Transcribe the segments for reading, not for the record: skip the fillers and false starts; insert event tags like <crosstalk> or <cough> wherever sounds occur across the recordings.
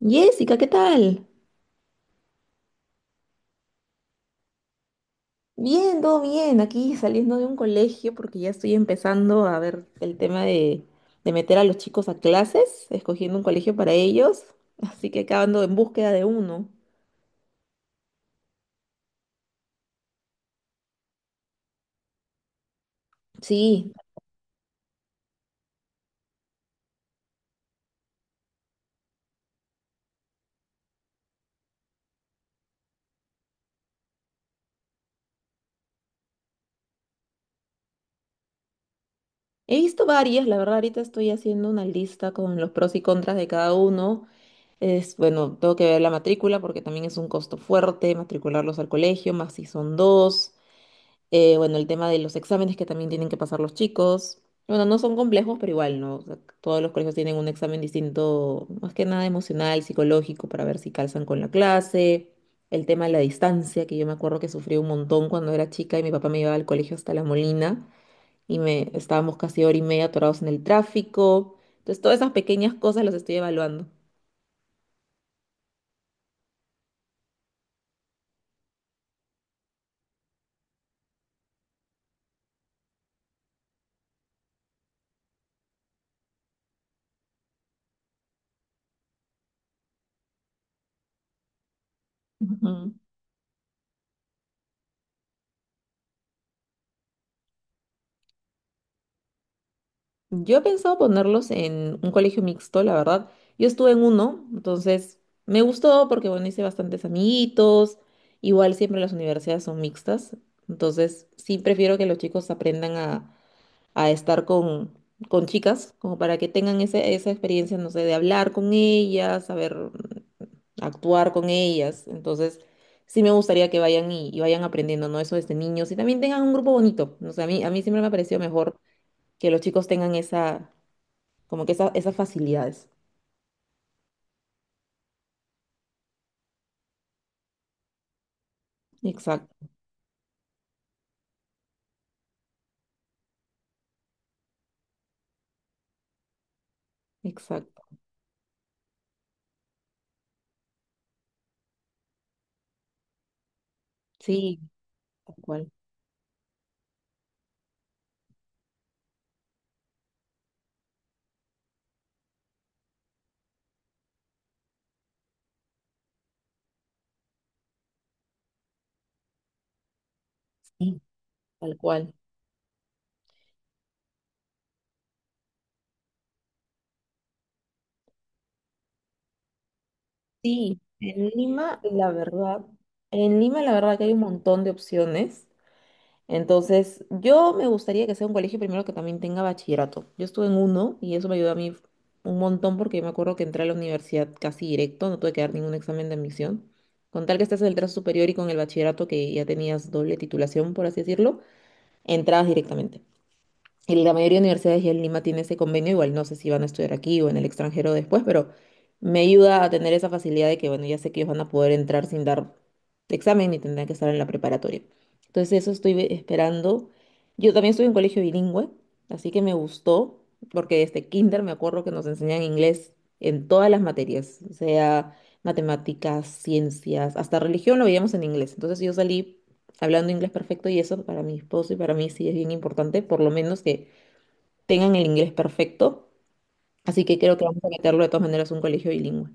Jessica, ¿qué tal? Bien, todo bien. Aquí saliendo de un colegio porque ya estoy empezando a ver el tema de meter a los chicos a clases, escogiendo un colegio para ellos. Así que acabando en búsqueda de uno. Sí, he visto varias. La verdad, ahorita estoy haciendo una lista con los pros y contras de cada uno. Es, bueno, tengo que ver la matrícula porque también es un costo fuerte matricularlos al colegio, más si son dos. Bueno, el tema de los exámenes que también tienen que pasar los chicos. Bueno, no son complejos, pero igual, ¿no? O sea, todos los colegios tienen un examen distinto, más que nada emocional, psicológico, para ver si calzan con la clase. El tema de la distancia, que yo me acuerdo que sufrí un montón cuando era chica y mi papá me llevaba al colegio hasta La Molina y me estábamos casi hora y media atorados en el tráfico. Entonces, todas esas pequeñas cosas las estoy evaluando. Ujú. Yo he pensado ponerlos en un colegio mixto, la verdad. Yo estuve en uno, entonces me gustó porque, bueno, hice bastantes amiguitos. Igual siempre las universidades son mixtas, entonces sí prefiero que los chicos aprendan a estar con chicas, como para que tengan esa experiencia, no sé, de hablar con ellas, saber actuar con ellas. Entonces sí me gustaría que vayan y vayan aprendiendo, ¿no? Eso desde niños y también tengan un grupo bonito. No sé, a mí siempre me ha parecido mejor que los chicos tengan esa esas facilidades. Exacto, exacto. Sí, tal cual. Sí, tal cual. Sí, en Lima, la verdad, en Lima, la verdad que hay un montón de opciones. Entonces, yo me gustaría que sea un colegio primero que también tenga bachillerato. Yo estuve en uno y eso me ayudó a mí un montón porque yo me acuerdo que entré a la universidad casi directo, no tuve que dar ningún examen de admisión. Con tal que estés en el trazo superior y con el bachillerato que ya tenías doble titulación, por así decirlo, entrabas directamente. Y la mayoría de universidades ya en Lima tiene ese convenio, igual no sé si van a estudiar aquí o en el extranjero después, pero me ayuda a tener esa facilidad de que, bueno, ya sé que ellos van a poder entrar sin dar examen y tendrán que estar en la preparatoria. Entonces eso estoy esperando. Yo también estuve en colegio bilingüe, así que me gustó, porque desde kinder me acuerdo que nos enseñan inglés en todas las materias, o sea matemáticas, ciencias, hasta religión lo veíamos en inglés. Entonces yo salí hablando inglés perfecto y eso para mi esposo y para mí sí es bien importante, por lo menos que tengan el inglés perfecto. Así que creo que vamos a meterlo de todas maneras a un colegio bilingüe.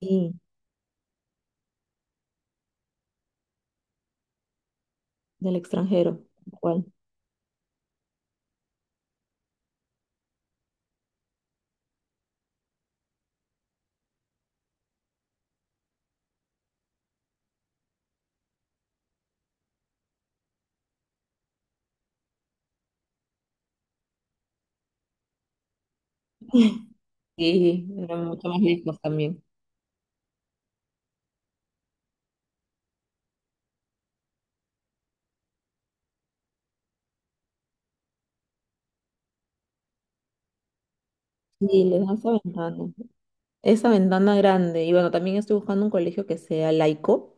Y del extranjero, igual. Sí, era mucho más lejos también. Sí, les da esa ventana. Esa ventana grande. Y bueno, también estoy buscando un colegio que sea laico.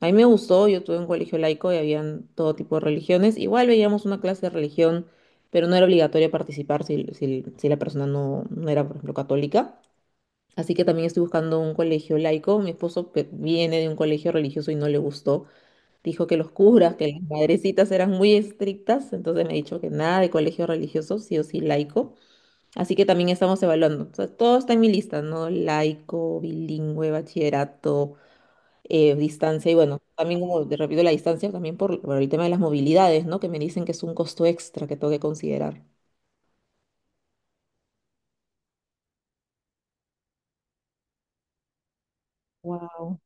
A mí me gustó, yo tuve un colegio laico y habían todo tipo de religiones. Igual veíamos una clase de religión, pero no era obligatorio participar si la persona no era, por ejemplo, católica. Así que también estoy buscando un colegio laico. Mi esposo viene de un colegio religioso y no le gustó. Dijo que los curas, que las madrecitas eran muy estrictas, entonces me ha dicho que nada de colegio religioso, sí o sí laico. Así que también estamos evaluando. O sea, todo está en mi lista, ¿no? Laico, bilingüe, bachillerato, distancia y bueno, también como te repito la distancia, también por el tema de las movilidades, ¿no? Que me dicen que es un costo extra que tengo que considerar. Wow,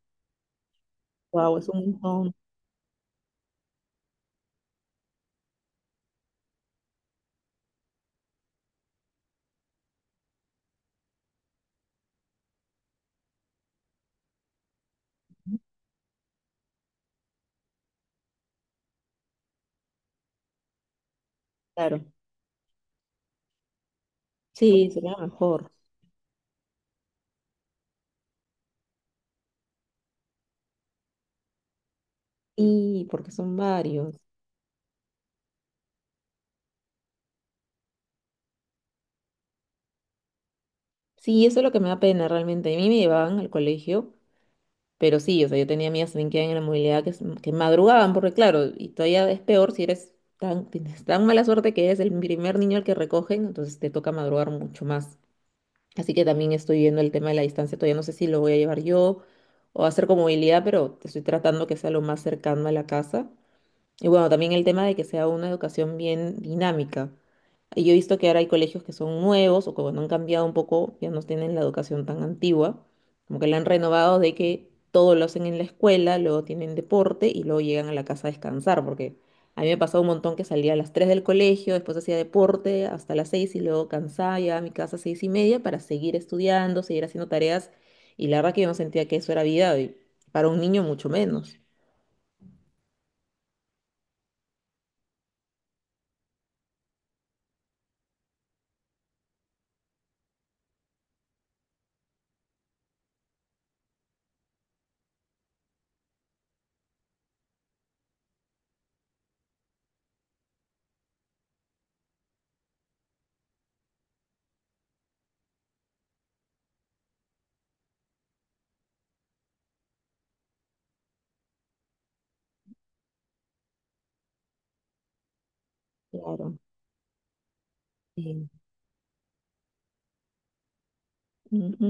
wow, es un montón. Claro. Sí, sería mejor. Sí, porque son varios. Sí, eso es lo que me da pena realmente. A mí me llevaban al colegio, pero sí, o sea, yo tenía amigas también que eran en la movilidad que madrugaban, porque claro, y todavía es peor si eres tan, tienes tan mala suerte que eres el primer niño al que recogen, entonces te toca madrugar mucho más. Así que también estoy viendo el tema de la distancia, todavía no sé si lo voy a llevar yo o hacer con movilidad, pero estoy tratando que sea lo más cercano a la casa. Y bueno, también el tema de que sea una educación bien dinámica. Y yo he visto que ahora hay colegios que son nuevos o que bueno, han cambiado un poco, ya no tienen la educación tan antigua, como que la han renovado de que todo lo hacen en la escuela, luego tienen deporte y luego llegan a la casa a descansar, porque a mí me pasaba un montón que salía a las 3 del colegio, después hacía deporte hasta las 6 y luego cansaba, llegaba a mi casa a 6 y media para seguir estudiando, seguir haciendo tareas y la verdad que yo no sentía que eso era vida y para un niño mucho menos. Claro. Sí. Ujú.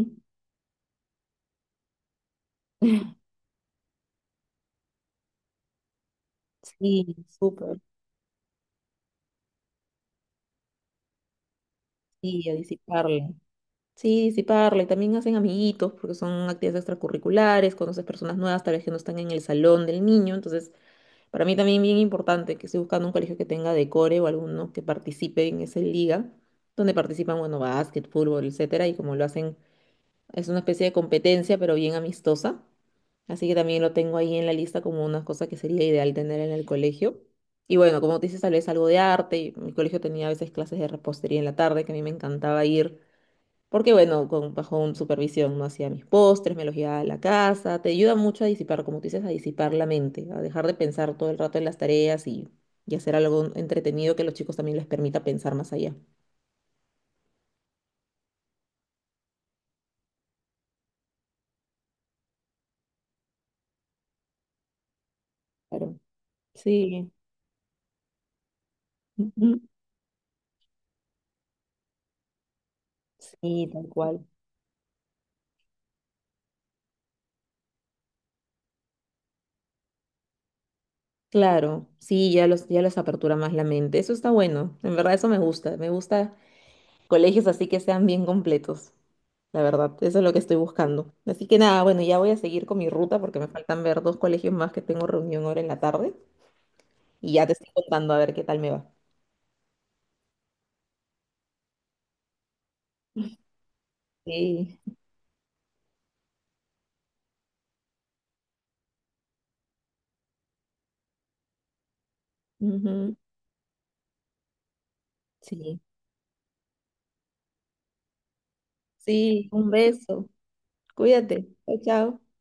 <laughs> Sí, súper. Sí, a disiparla. Sí, disiparla. Y también hacen amiguitos porque son actividades extracurriculares, conoces personas nuevas, tal vez que no están en el salón del niño. Entonces, para mí también bien importante que estoy buscando un colegio que tenga decore o alguno que participe en esa liga, donde participan, bueno, básquet, fútbol, etcétera. Y como lo hacen, es una especie de competencia, pero bien amistosa. Así que también lo tengo ahí en la lista como una cosa que sería ideal tener en el colegio. Y bueno, como te dices, tal vez algo de arte. Mi colegio tenía a veces clases de repostería en la tarde, que a mí me encantaba ir, porque bueno, con, bajo un supervisión, no hacía mis postres, me los llevaba a la casa. Te ayuda mucho a disipar, como tú dices, a disipar la mente, a dejar de pensar todo el rato en las tareas y hacer algo entretenido que a los chicos también les permita pensar más allá. Claro. Sí. <laughs> Ujú. Sí, tal cual. Claro, sí, ya los apertura más la mente. Eso está bueno. En verdad, eso me gusta. Me gusta colegios así que sean bien completos. La verdad, eso es lo que estoy buscando. Así que nada, bueno, ya voy a seguir con mi ruta porque me faltan ver dos colegios más que tengo reunión ahora en la tarde y ya te estoy contando a ver qué tal me va. Sí, ujú. Sí, sí, un beso. Cuídate. Chao, chao.